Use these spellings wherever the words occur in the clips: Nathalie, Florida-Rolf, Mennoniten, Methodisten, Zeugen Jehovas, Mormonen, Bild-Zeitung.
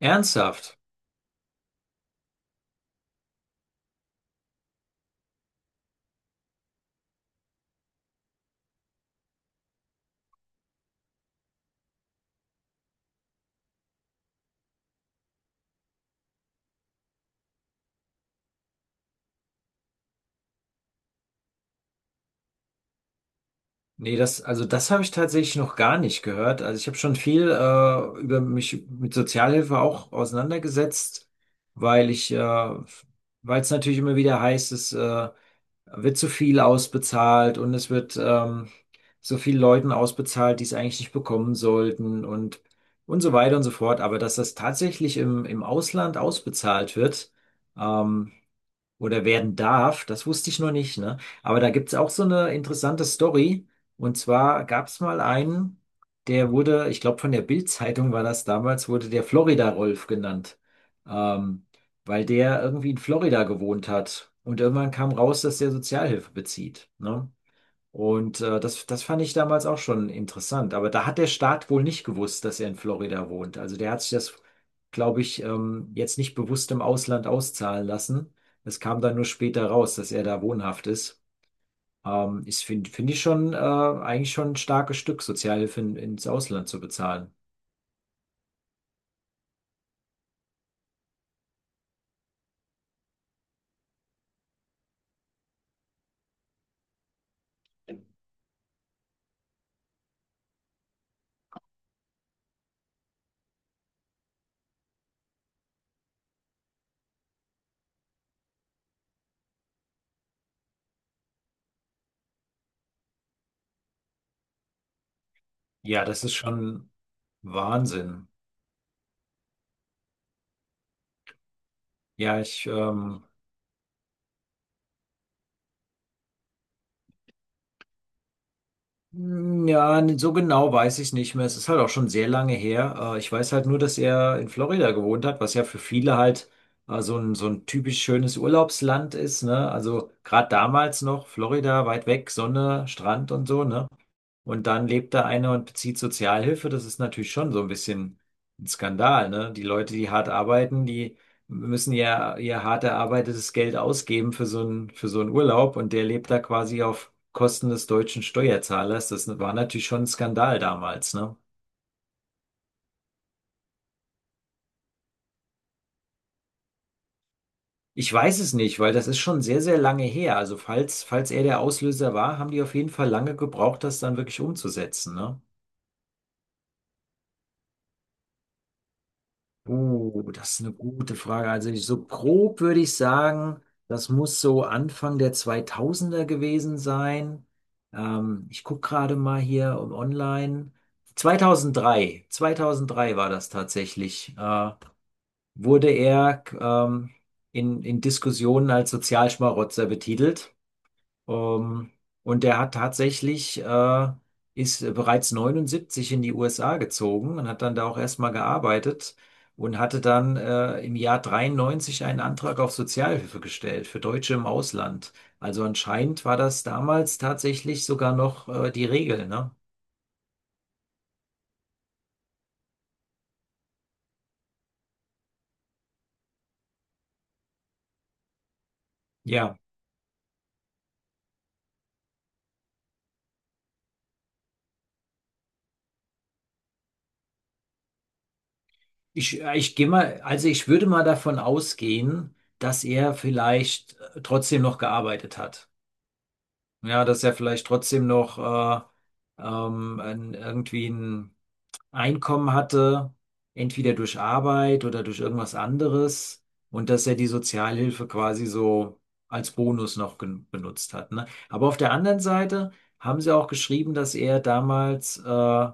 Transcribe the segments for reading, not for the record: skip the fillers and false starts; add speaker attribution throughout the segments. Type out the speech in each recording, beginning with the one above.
Speaker 1: Ernsthaft? Nee, also das habe ich tatsächlich noch gar nicht gehört. Also ich habe schon viel über mich mit Sozialhilfe auch auseinandergesetzt, weil ich, äh, weil es natürlich immer wieder heißt, es wird zu viel ausbezahlt und es wird so viel Leuten ausbezahlt, die es eigentlich nicht bekommen sollten und so weiter und so fort. Aber dass das tatsächlich im Ausland ausbezahlt wird, ähm, oder werden darf. Das wusste ich noch nicht, ne? Aber da gibt's auch so eine interessante Story. Und zwar gab's mal einen, der wurde, ich glaube von der Bild-Zeitung war das damals, wurde der Florida-Rolf genannt. Ähm, Weil der irgendwie in Florida gewohnt hat. Und irgendwann kam raus, dass der Sozialhilfe bezieht, ne? Und das fand ich damals auch schon interessant. Aber da hat der Staat wohl nicht gewusst, dass er in Florida wohnt. Also der hat sich das, glaube ich, jetzt nicht bewusst im Ausland auszahlen lassen. Es kam dann nur später raus, dass er da wohnhaft ist. Ich finde find find ich schon eigentlich schon ein starkes Stück, Sozialhilfe ins Ausland zu bezahlen. Ja, das ist schon Wahnsinn. Ja, ich. Hm, ja, so genau weiß ich nicht mehr. Es ist halt auch schon sehr lange her. Ich weiß halt nur, dass er in Florida gewohnt hat, was ja für viele halt so ein typisch schönes Urlaubsland ist, ne? Also gerade damals noch, Florida, weit weg, Sonne, Strand und so, ne? Und dann lebt da einer und bezieht Sozialhilfe. Das ist natürlich schon so ein bisschen ein Skandal, ne? Die Leute, die hart arbeiten, die müssen ja ihr hart erarbeitetes Geld ausgeben für so einen Urlaub und der lebt da quasi auf Kosten des deutschen Steuerzahlers. Das war natürlich schon ein Skandal damals, ne? Ich weiß es nicht, weil das ist schon sehr, sehr lange her. Also falls er der Auslöser war, haben die auf jeden Fall lange gebraucht, das dann wirklich umzusetzen, ne? Das ist eine gute Frage. Also ich, so grob würde ich sagen, das muss so Anfang der 2000er gewesen sein. Ich gucke gerade mal hier um online. 2003, 2003 war das tatsächlich. Wurde er in Diskussionen als Sozialschmarotzer betitelt. Ähm, und der hat tatsächlich, ist bereits 79 in die USA gezogen und hat dann da auch erstmal gearbeitet und hatte dann im Jahr 93 einen Antrag auf Sozialhilfe gestellt für Deutsche im Ausland. Also anscheinend war das damals tatsächlich sogar noch die Regel, ne? Ja, ich gehe mal, also ich würde mal davon ausgehen, dass er vielleicht trotzdem noch gearbeitet hat. Ja, dass er vielleicht trotzdem noch irgendwie ein Einkommen hatte, entweder durch Arbeit oder durch irgendwas anderes und dass er die Sozialhilfe quasi so als Bonus noch benutzt hat, ne? Aber auf der anderen Seite haben sie auch geschrieben, dass er damals äh,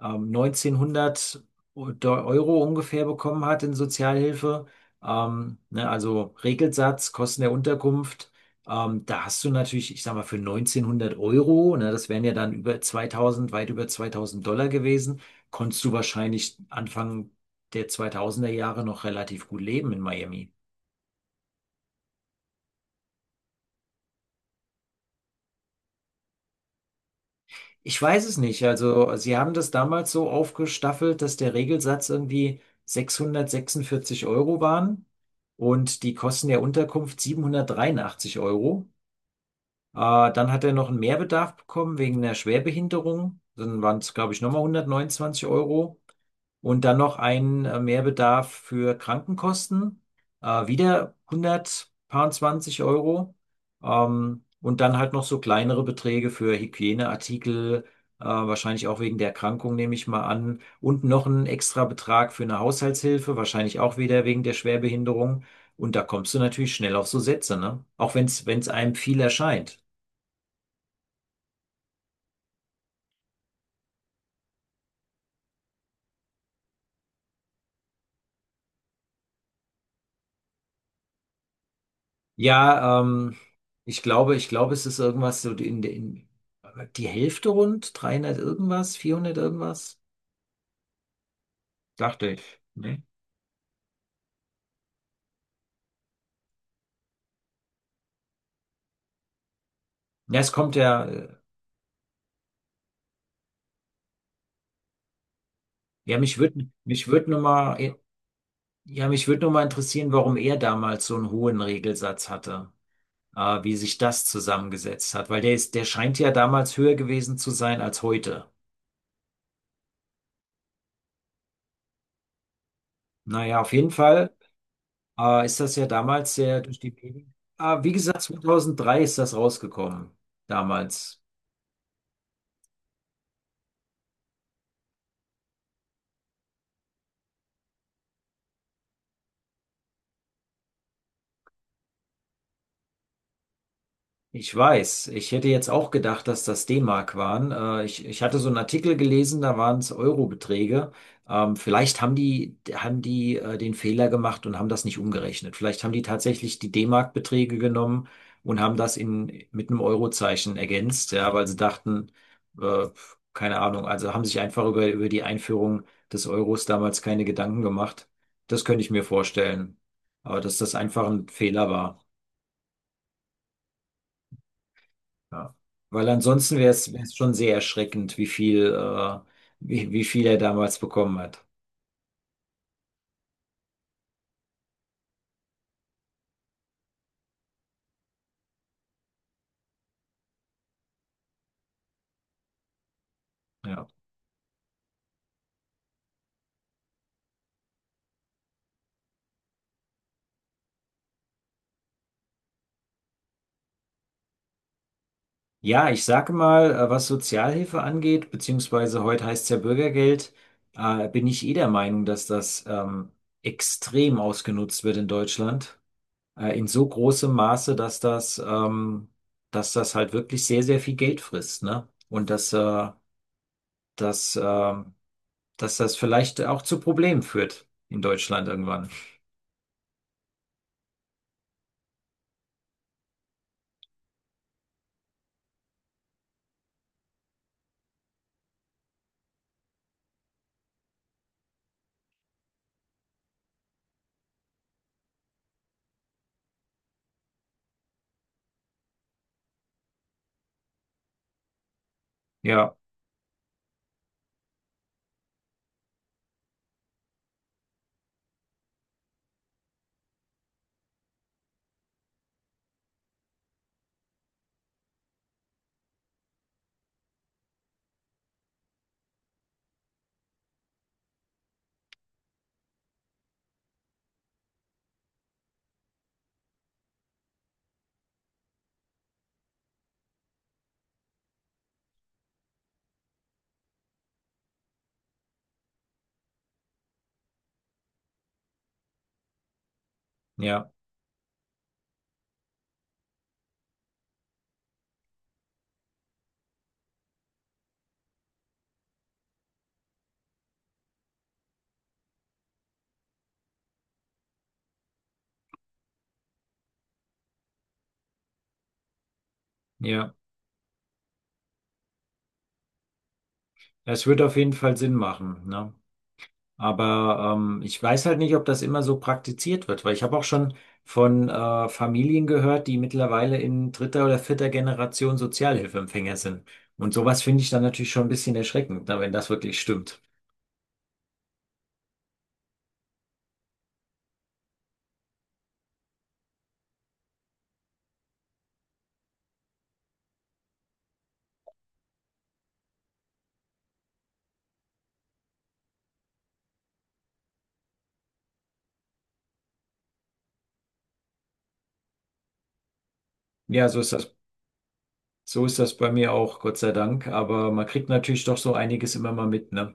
Speaker 1: ähm, 1900 Euro ungefähr bekommen hat in Sozialhilfe, ne? Also Regelsatz, Kosten der Unterkunft. Da hast du natürlich, ich sag mal, für 1900 Euro, ne, das wären ja dann über 2000, weit über 2000 Dollar gewesen, konntest du wahrscheinlich Anfang der 2000er Jahre noch relativ gut leben in Miami. Ich weiß es nicht. Also, sie haben das damals so aufgestaffelt, dass der Regelsatz irgendwie 646 Euro waren und die Kosten der Unterkunft 783 Euro. Äh, Dann hat er noch einen Mehrbedarf bekommen wegen einer Schwerbehinderung. Dann waren es, glaube ich, nochmal 129 Euro. Und dann noch ein Mehrbedarf für Krankenkosten, wieder 120 Euro. Und dann halt noch so kleinere Beträge für Hygieneartikel, wahrscheinlich auch wegen der Erkrankung, nehme ich mal an. Und noch ein extra Betrag für eine Haushaltshilfe, wahrscheinlich auch wieder wegen der Schwerbehinderung. Und da kommst du natürlich schnell auf so Sätze, ne? Auch wenn es einem viel erscheint. Ja, ich glaube, es ist irgendwas so in die Hälfte rund, 300 irgendwas, 400 irgendwas, dachte ich. Ne? Ja, es kommt ja, ja, mich würde nur mal, ja, mich würde nur mal interessieren, warum er damals so einen hohen Regelsatz hatte, wie sich das zusammengesetzt hat, weil der scheint ja damals höher gewesen zu sein als heute. Naja, auf jeden Fall, ist das ja damals sehr durch die Medien. Ah, wie gesagt, 2003 ist das rausgekommen, damals. Ich weiß, ich hätte jetzt auch gedacht, dass das D-Mark waren. Ich hatte so einen Artikel gelesen, da waren es Euro-Beträge. Vielleicht haben die den Fehler gemacht und haben das nicht umgerechnet. Vielleicht haben die tatsächlich die D-Mark-Beträge genommen und haben das mit einem Euro-Zeichen ergänzt, ja, weil sie dachten, äh, keine Ahnung, also haben sich einfach über die Einführung des Euros damals keine Gedanken gemacht. Das könnte ich mir vorstellen. Aber dass das einfach ein Fehler war. Ja. Weil ansonsten wäre es schon sehr erschreckend, wie viel er damals bekommen hat. Ja. Ja, ich sage mal, was Sozialhilfe angeht, beziehungsweise heute heißt es ja Bürgergeld, bin ich eh der Meinung, dass das extrem ausgenutzt wird in Deutschland. In so großem Maße, dass das halt wirklich sehr, sehr viel Geld frisst, ne? Und dass, äh, dass das vielleicht auch zu Problemen führt in Deutschland irgendwann. Ja, ja. Ja, es wird auf jeden Fall Sinn machen, ne? Aber ich weiß halt nicht, ob das immer so praktiziert wird, weil ich habe auch schon von Familien gehört, die mittlerweile in dritter oder vierter Generation Sozialhilfeempfänger sind. Und sowas finde ich dann natürlich schon ein bisschen erschreckend, na, wenn das wirklich stimmt. Ja, so ist das bei mir auch, Gott sei Dank. Aber man kriegt natürlich doch so einiges immer mal mit, ne?